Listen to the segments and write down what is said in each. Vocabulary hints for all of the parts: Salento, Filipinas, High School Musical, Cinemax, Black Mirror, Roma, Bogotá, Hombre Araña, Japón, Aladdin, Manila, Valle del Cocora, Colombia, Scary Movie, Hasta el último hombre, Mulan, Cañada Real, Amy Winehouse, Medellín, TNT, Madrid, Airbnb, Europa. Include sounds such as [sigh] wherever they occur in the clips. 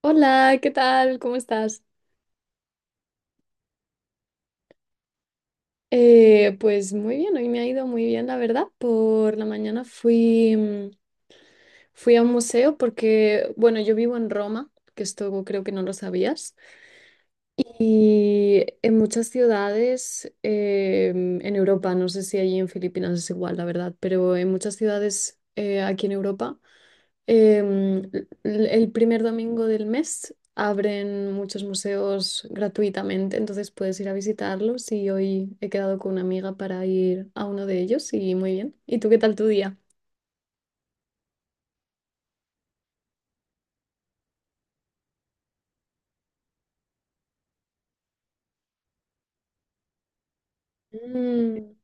Hola, ¿qué tal? ¿Cómo estás? Pues muy bien, hoy me ha ido muy bien, la verdad. Por la mañana fui a un museo porque, bueno, yo vivo en Roma, que esto creo que no lo sabías, y en muchas ciudades en Europa, no sé si allí en Filipinas es igual, la verdad, pero en muchas ciudades aquí en Europa. Em, el primer domingo del mes abren muchos museos gratuitamente, entonces puedes ir a visitarlos y hoy he quedado con una amiga para ir a uno de ellos y muy bien. ¿Y tú qué tal tu día? Mm,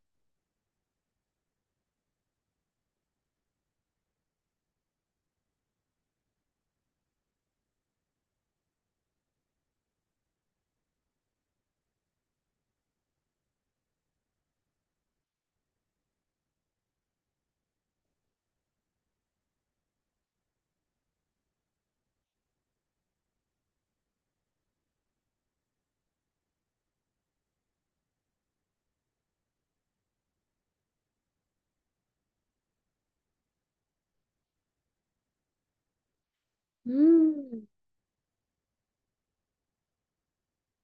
mm.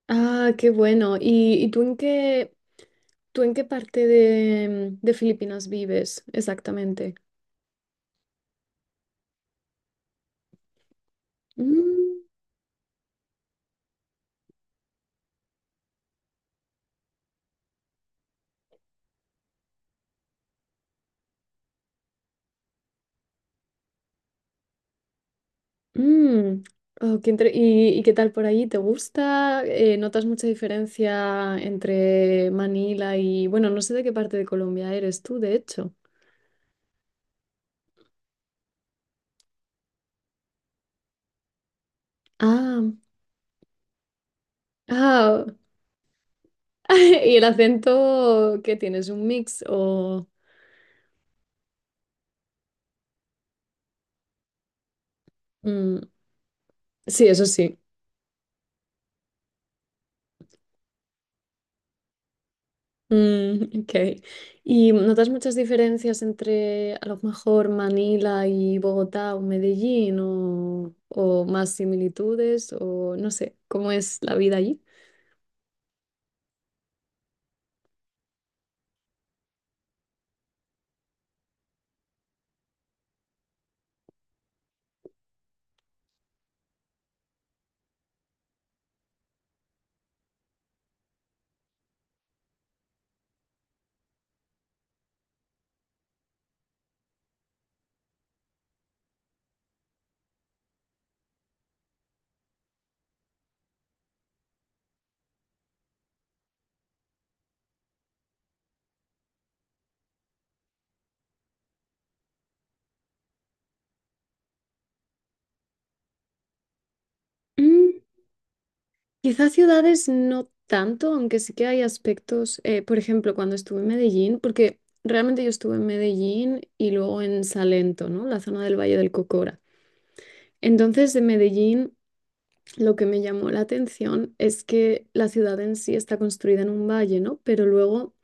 Ah, qué bueno. ¿Y tú en qué parte de Filipinas vives exactamente? Mm, mm. ¿Y qué tal por ahí? ¿Te gusta? ¿Notas mucha diferencia entre Manila y, bueno, no sé de qué parte de Colombia eres tú, de hecho? Ah, ah. [laughs] ¿Y el acento qué tienes? ¿Un mix? O. Mm, sí, eso sí. Mm, [laughs] ok. ¿Y notas muchas diferencias entre a lo mejor Manila y Bogotá o Medellín o más similitudes o no sé, cómo es la vida allí? Quizás ciudades no tanto, aunque sí que hay aspectos, por ejemplo, cuando estuve en Medellín, porque realmente yo estuve en Medellín y luego en Salento, ¿no? La zona del Valle del Cocora. Entonces, de Medellín, lo que me llamó la atención es que la ciudad en sí está construida en un valle, ¿no? Pero luego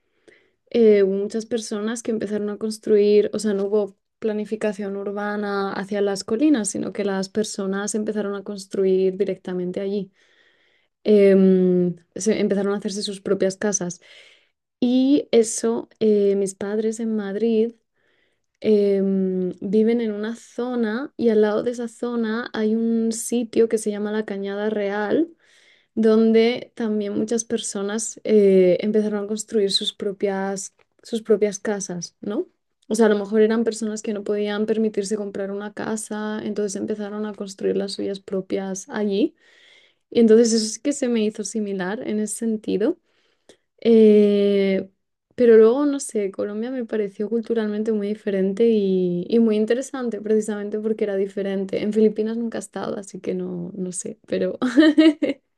hubo muchas personas que empezaron a construir, o sea, no hubo planificación urbana hacia las colinas, sino que las personas empezaron a construir directamente allí empezaron a hacerse sus propias casas. Y eso, mis padres en Madrid viven en una zona y al lado de esa zona hay un sitio que se llama la Cañada Real, donde también muchas personas empezaron a construir sus propias casas, ¿no? O sea, a lo mejor eran personas que no podían permitirse comprar una casa, entonces empezaron a construir las suyas propias allí. Y entonces eso sí que se me hizo similar en ese sentido. Eh, pero luego, no sé, Colombia me pareció culturalmente muy diferente y muy interesante, precisamente porque era diferente. En Filipinas nunca he estado, así que no, no sé, pero, [laughs]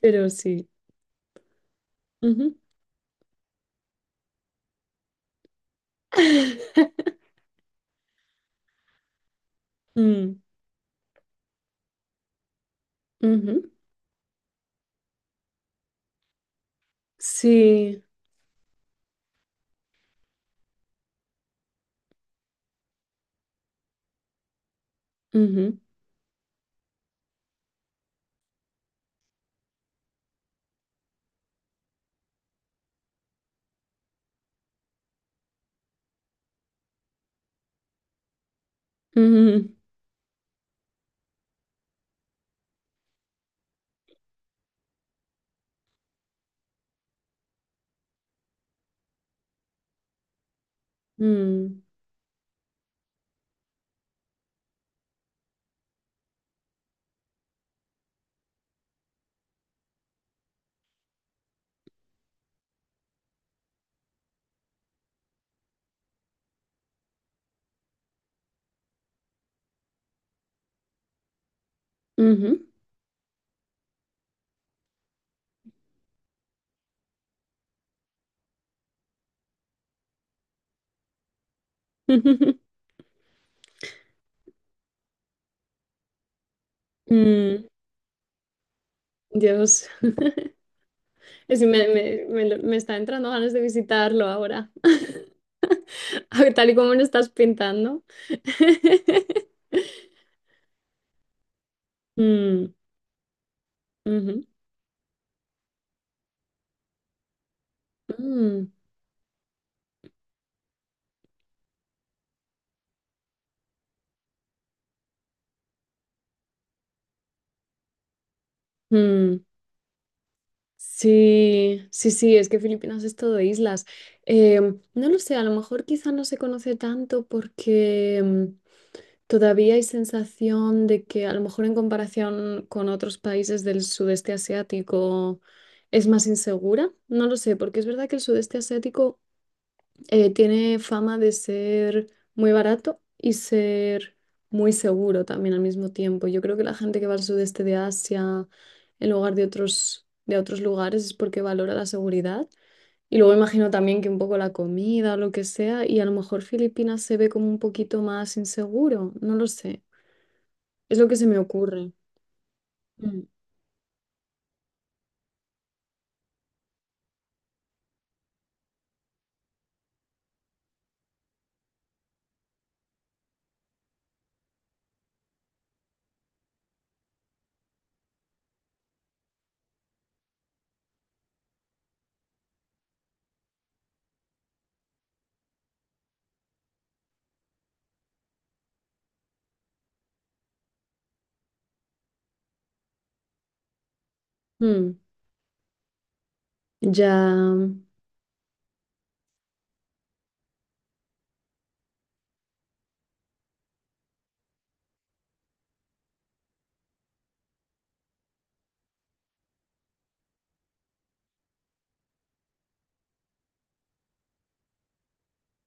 pero sí. Ujú. Mm, ujú. Sí. Ujú, ujú, mm, ujú. [laughs] Mm, Dios. [laughs] Es que me está entrando ganas de visitarlo ahora. [laughs] A ver, tal y como lo estás pintando. [laughs] Mm, ujú, mm, mm. Sí, sí, sí, es que Filipinas es todo islas. No lo sé, a lo mejor quizá no se conoce tanto porque todavía hay sensación de que a lo mejor en comparación con otros países del sudeste asiático es más insegura. No lo sé, porque es verdad que el sudeste asiático tiene fama de ser muy barato y ser muy seguro también al mismo tiempo. Yo creo que la gente que va al sudeste de Asia en lugar de otros lugares es porque valora la seguridad. Y luego imagino también que un poco la comida o lo que sea, y a lo mejor Filipinas se ve como un poquito más inseguro, no lo sé. Es lo que se me ocurre. Mm. Mm, ya.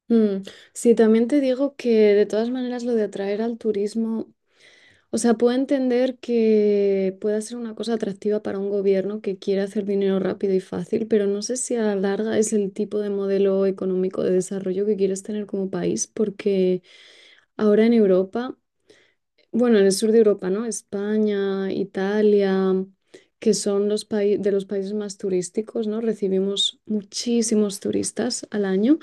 Mm. Sí, también te digo que de todas maneras lo de atraer al turismo. O sea, puedo entender que pueda ser una cosa atractiva para un gobierno que quiere hacer dinero rápido y fácil, pero no sé si a la larga es el tipo de modelo económico de desarrollo que quieres tener como país, porque ahora en Europa, bueno, en el sur de Europa, ¿no? España, Italia, que son los países más turísticos, ¿no? Recibimos muchísimos turistas al año.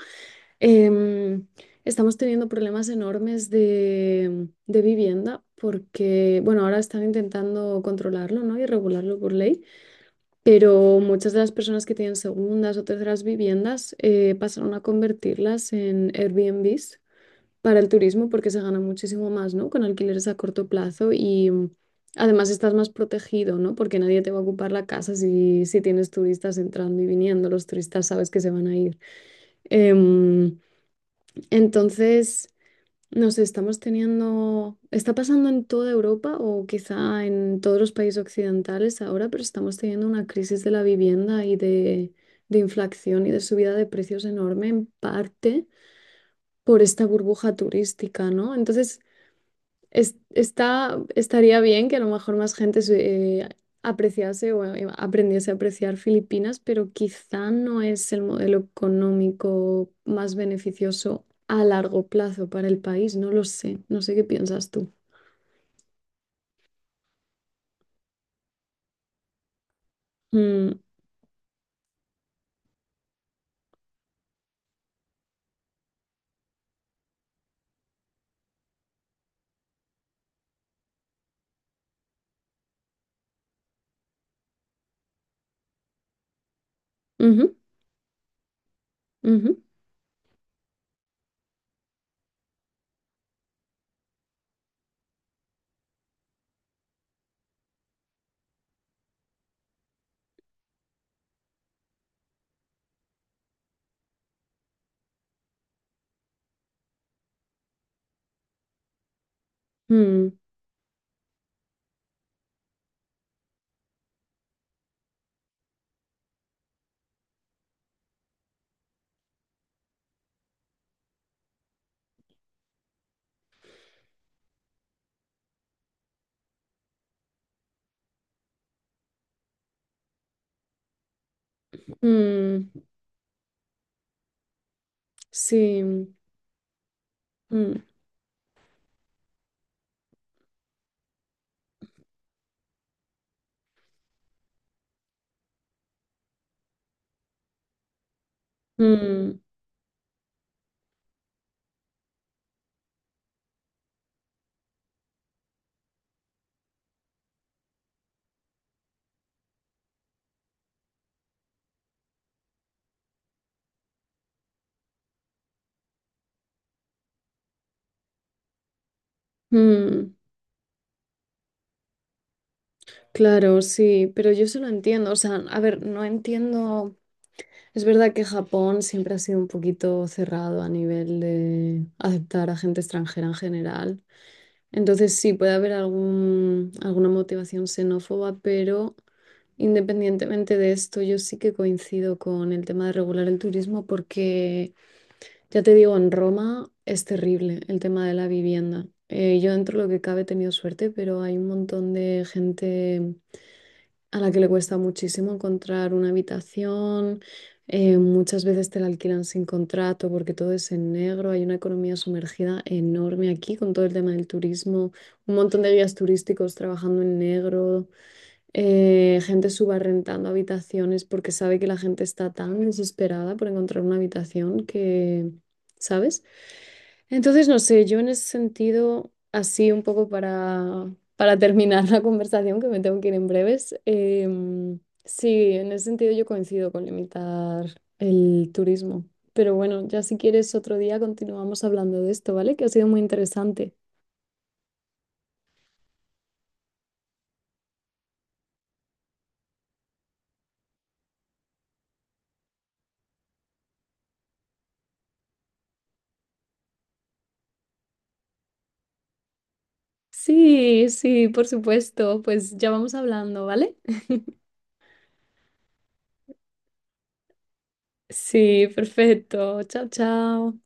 Em, Estamos teniendo problemas enormes de vivienda porque, bueno, ahora están intentando controlarlo, ¿no? Y regularlo por ley, pero muchas de las personas que tienen segundas o terceras viviendas pasaron a convertirlas en Airbnbs para el turismo porque se gana muchísimo más, ¿no? Con alquileres a corto plazo y además estás más protegido, ¿no? Porque nadie te va a ocupar la casa si tienes turistas entrando y viniendo, los turistas sabes que se van a ir. Em, entonces, no sé, está pasando en toda Europa o quizá en todos los países occidentales ahora, pero estamos teniendo una crisis de la vivienda y de inflación y de subida de precios enorme en parte por esta burbuja turística, ¿no? Entonces, estaría bien que a lo mejor más gente se apreciase o aprendiese a apreciar Filipinas, pero quizá no es el modelo económico más beneficioso a largo plazo para el país. No lo sé. No sé qué piensas tú. Mm, ujú, ujú, mm, mm, sí. Mm, mm, mm. Claro, sí, pero yo se lo entiendo. O sea, a ver, no entiendo. Es verdad que Japón siempre ha sido un poquito cerrado a nivel de aceptar a gente extranjera en general. Entonces sí, puede haber alguna motivación xenófoba, pero independientemente de esto, yo sí que coincido con el tema de regular el turismo porque, ya te digo, en Roma es terrible el tema de la vivienda. Yo dentro de lo que cabe he tenido suerte, pero hay un montón de gente a la que le cuesta muchísimo encontrar una habitación, muchas veces te la alquilan sin contrato porque todo es en negro, hay una economía sumergida enorme aquí con todo el tema del turismo, un montón de guías turísticos trabajando en negro, gente subarrendando habitaciones porque sabe que la gente está tan desesperada por encontrar una habitación que, ¿sabes? Entonces, no sé, yo en ese sentido, así un poco para [laughs] terminar la conversación, que me tengo que ir en breves, em, sí, en ese sentido yo coincido con limitar el turismo. Pero bueno, ya si quieres otro día continuamos hablando de esto, ¿vale? Que ha sido muy interesante. Sí, sí, por supuesto, pues ya vamos hablando, ¿vale? Sí, perfecto. Chao, chao.